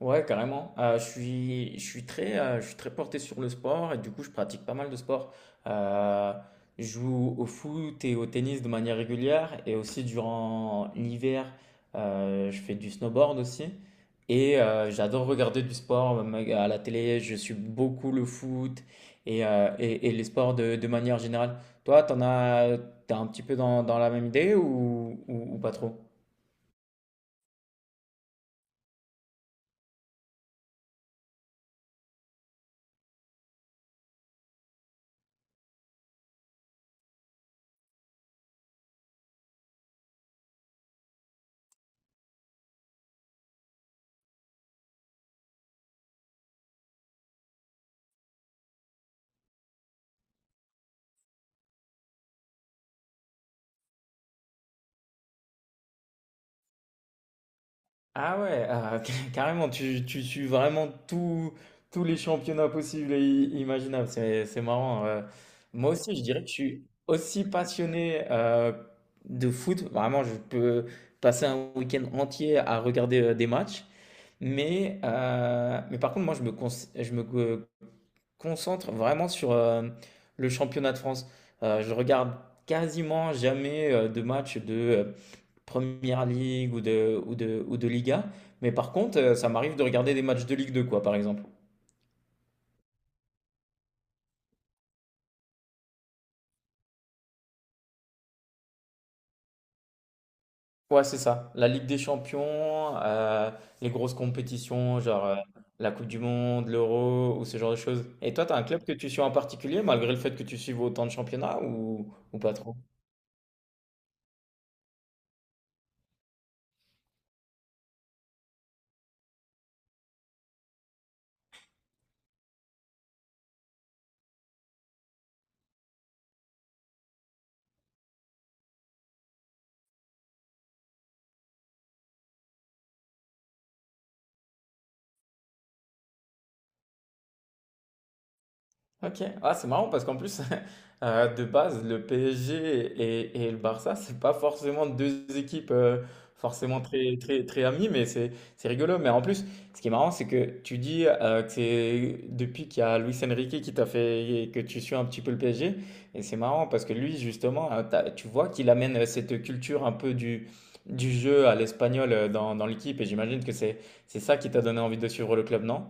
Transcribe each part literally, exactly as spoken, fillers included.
Ouais, carrément. Euh, je suis, je suis très, euh, je suis très porté sur le sport et du coup, je pratique pas mal de sport. Euh, je joue au foot et au tennis de manière régulière et aussi durant l'hiver, euh, je fais du snowboard aussi. Et euh, j'adore regarder du sport même à la télé. Je suis beaucoup le foot et, euh, et, et les sports de, de manière générale. Toi, t'en as, t'es un petit peu dans, dans la même idée ou, ou, ou pas trop? Ah ouais, ah, carrément, tu, tu suis vraiment tout- tous les championnats possibles et i- imaginables. C'est, c'est marrant. euh. Moi aussi, je dirais que je suis aussi passionné euh, de foot. Vraiment, je peux passer un week-end entier à regarder euh, des matchs. Mais, euh, mais par contre, moi, je me con- je me co- concentre vraiment sur euh, le championnat de France. Euh, je regarde quasiment jamais euh, de matchs Première Ligue ou de, ou de, ou de Liga. Mais par contre, euh, ça m'arrive de regarder des matchs de Ligue deux, quoi, par exemple. Ouais, c'est ça. La Ligue des Champions, euh, les grosses compétitions, genre euh, la Coupe du Monde, l'Euro ou ce genre de choses. Et toi, t'as un club que tu suis en particulier, malgré le fait que tu suives autant de championnats ou, ou pas trop? OK. Ah, c'est marrant parce qu'en plus, euh, de base, le P S G et, et le Barça, c'est pas forcément deux équipes euh, forcément très, très, très amies, mais c'est, c'est rigolo. Mais en plus, ce qui est marrant, c'est que tu dis euh, que c'est depuis qu'il y a Luis Enrique qui t'a fait que tu suis un petit peu le P S G. Et c'est marrant parce que lui, justement, euh, t'as- tu vois qu'il amène euh, cette culture un peu du, du jeu à l'espagnol euh, dans, dans l'équipe. Et j'imagine que c'est, c'est ça qui t'a donné envie de suivre le club, non?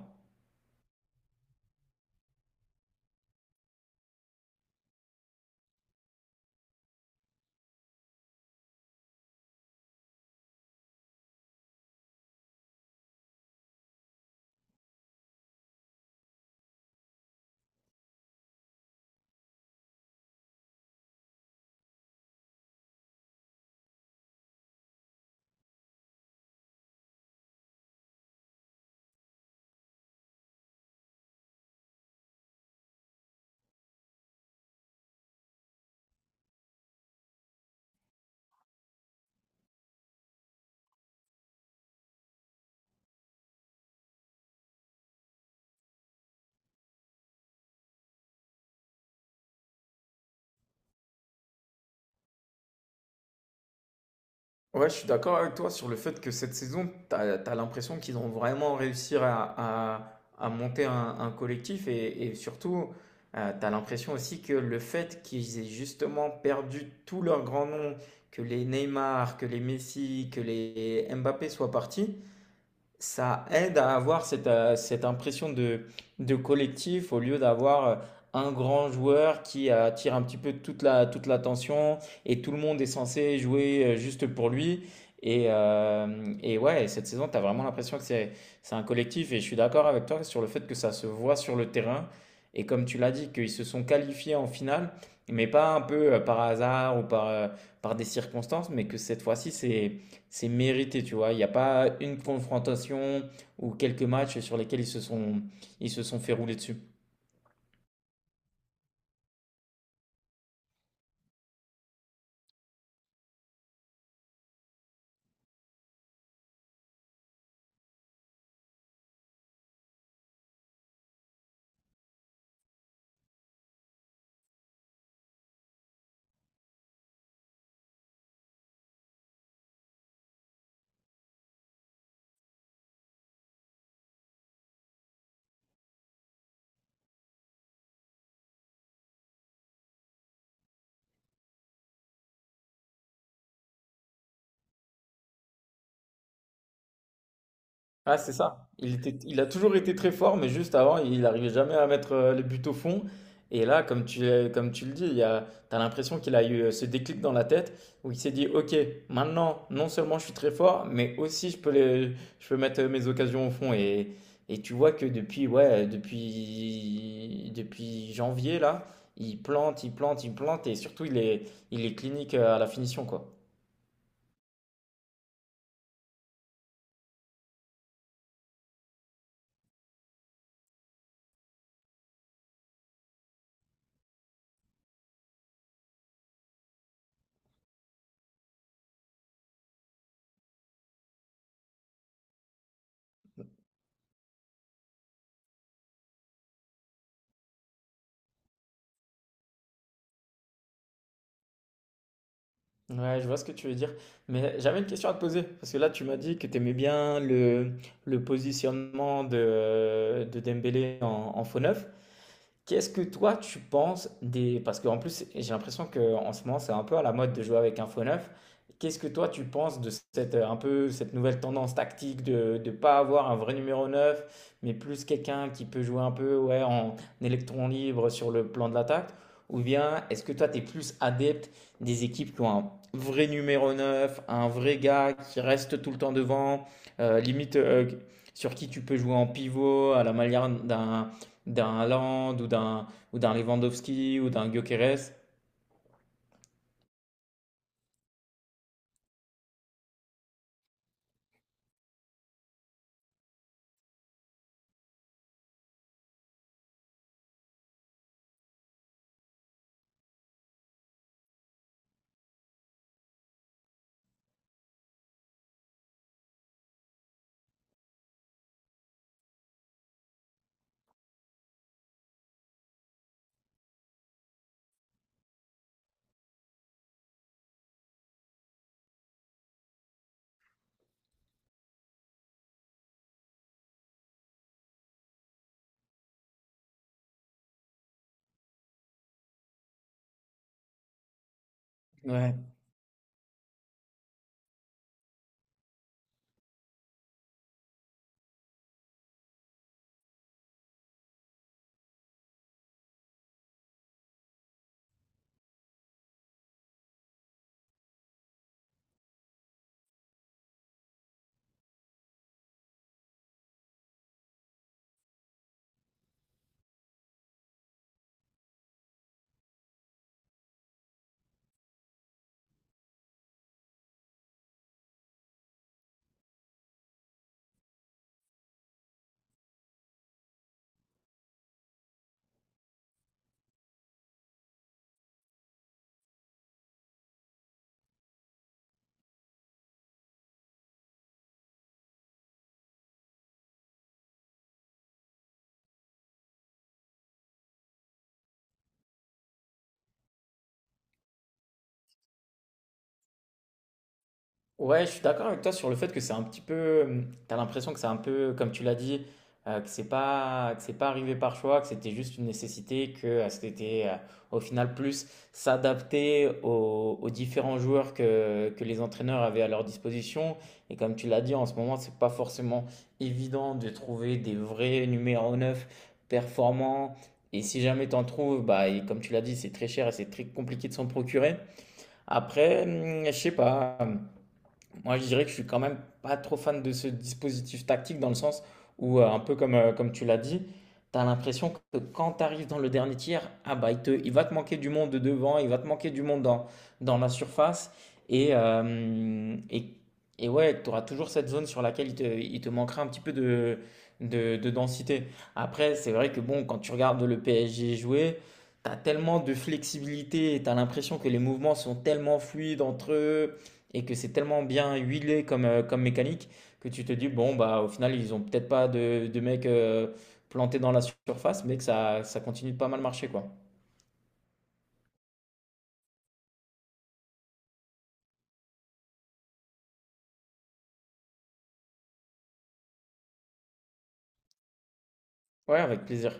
Ouais, je suis d'accord avec toi sur le fait que cette saison, tu as, l'impression qu'ils vont vraiment réussir à, à- à monter un, un collectif et, et surtout, tu as l'impression aussi que le fait qu'ils aient justement perdu tous leurs grands noms, que les Neymar, que les Messi, que les Mbappé soient partis, ça aide à avoir cette, euh, cette impression de, de collectif au lieu d'avoir euh, un grand joueur qui attire un petit peu toute la, toute l'attention et tout le monde est censé jouer euh, juste pour lui. Et, euh, et ouais, cette saison, tu as vraiment l'impression que c'est, c'est un collectif et je suis d'accord avec toi sur le fait que ça se voit sur le terrain. Et comme tu l'as dit, qu'ils se sont qualifiés en finale, mais pas un peu euh, par hasard ou par, euh, par des circonstances, mais que cette fois-ci, c'est, c'est mérité, tu vois. Il n'y a pas une confrontation ou quelques matchs sur lesquels ils se sont, ils se sont fait rouler dessus. Ah, c'est ça. Il était, il a toujours été très fort, mais juste avant, il n'arrivait jamais à mettre euh, les buts au fond. Et là, comme tu, comme tu le dis, il y a, t'as l'impression qu'il a eu euh, ce déclic dans la tête où il s'est dit, OK, maintenant, non seulement je suis très fort, mais aussi je peux les, je peux mettre euh, mes occasions au fond. Et, et tu vois que depuis, ouais, depuis, depuis janvier, là, il plante, il plante, il plante, et surtout, il est, il est clinique euh, à la finition, quoi. Ouais, je vois ce que tu veux dire. Mais j'avais une question à te poser, parce que là, tu m'as dit que tu aimais bien le, le positionnement de, de Dembélé en, en faux neuf. Qu'est-ce que toi tu penses des... Parce qu'en plus, j'ai l'impression qu'en ce moment, c'est un peu à la mode de jouer avec un faux neuf. Qu'est-ce que toi tu penses de cette, euh, un peu, cette nouvelle tendance tactique de ne pas avoir un vrai numéro neuf mais plus quelqu'un qui peut jouer un peu ouais, en électron libre sur le plan de l'attaque? Ou bien est-ce que toi tu es plus adepte des équipes qui ont un vrai numéro neuf un vrai gars qui reste tout le temps devant, euh, limite euh, sur qui tu peux jouer en pivot à la manière d'un d'un Haaland ou d'un ou d'un Lewandowski ou d'un Gyökeres. Ouais. Ouais, je suis d'accord avec toi sur le fait que c'est un petit peu, hum, t'as l'impression que c'est un peu, comme tu l'as dit, euh, que c'est pas, que c'est pas arrivé par choix, que c'était juste une nécessité, que euh, c'était euh, au final plus s'adapter aux, aux différents joueurs que, que les entraîneurs avaient à leur disposition. Et comme tu l'as dit, en ce moment, c'est pas forcément évident de trouver des vrais numéros neuf performants. Et si jamais t'en trouves, bah, et comme tu l'as dit, c'est très cher et c'est très compliqué de s'en procurer. Après, hum, je sais pas. Hum, moi, je dirais que je suis quand même pas trop fan de ce dispositif tactique dans le sens où, euh, un peu comme, euh, comme tu l'as dit, tu as l'impression que quand tu arrives dans le dernier tiers, ah bah, il te- il va te manquer du monde devant, il va te manquer du monde dans, dans la surface. Et, euh, et, et ouais, tu auras toujours cette zone sur laquelle il te, il te manquera un petit peu de, de, de densité. Après, c'est vrai que bon, quand tu regardes le P S G jouer, tu as tellement de flexibilité et tu as l'impression que les mouvements sont tellement fluides entre eux et que c'est tellement bien huilé comme, euh, comme mécanique que tu te dis, bon, bah, au final, ils ont peut-être pas de, de mecs euh, plantés dans la surface, mais que ça, ça continue de pas mal marcher, quoi. Ouais, avec plaisir.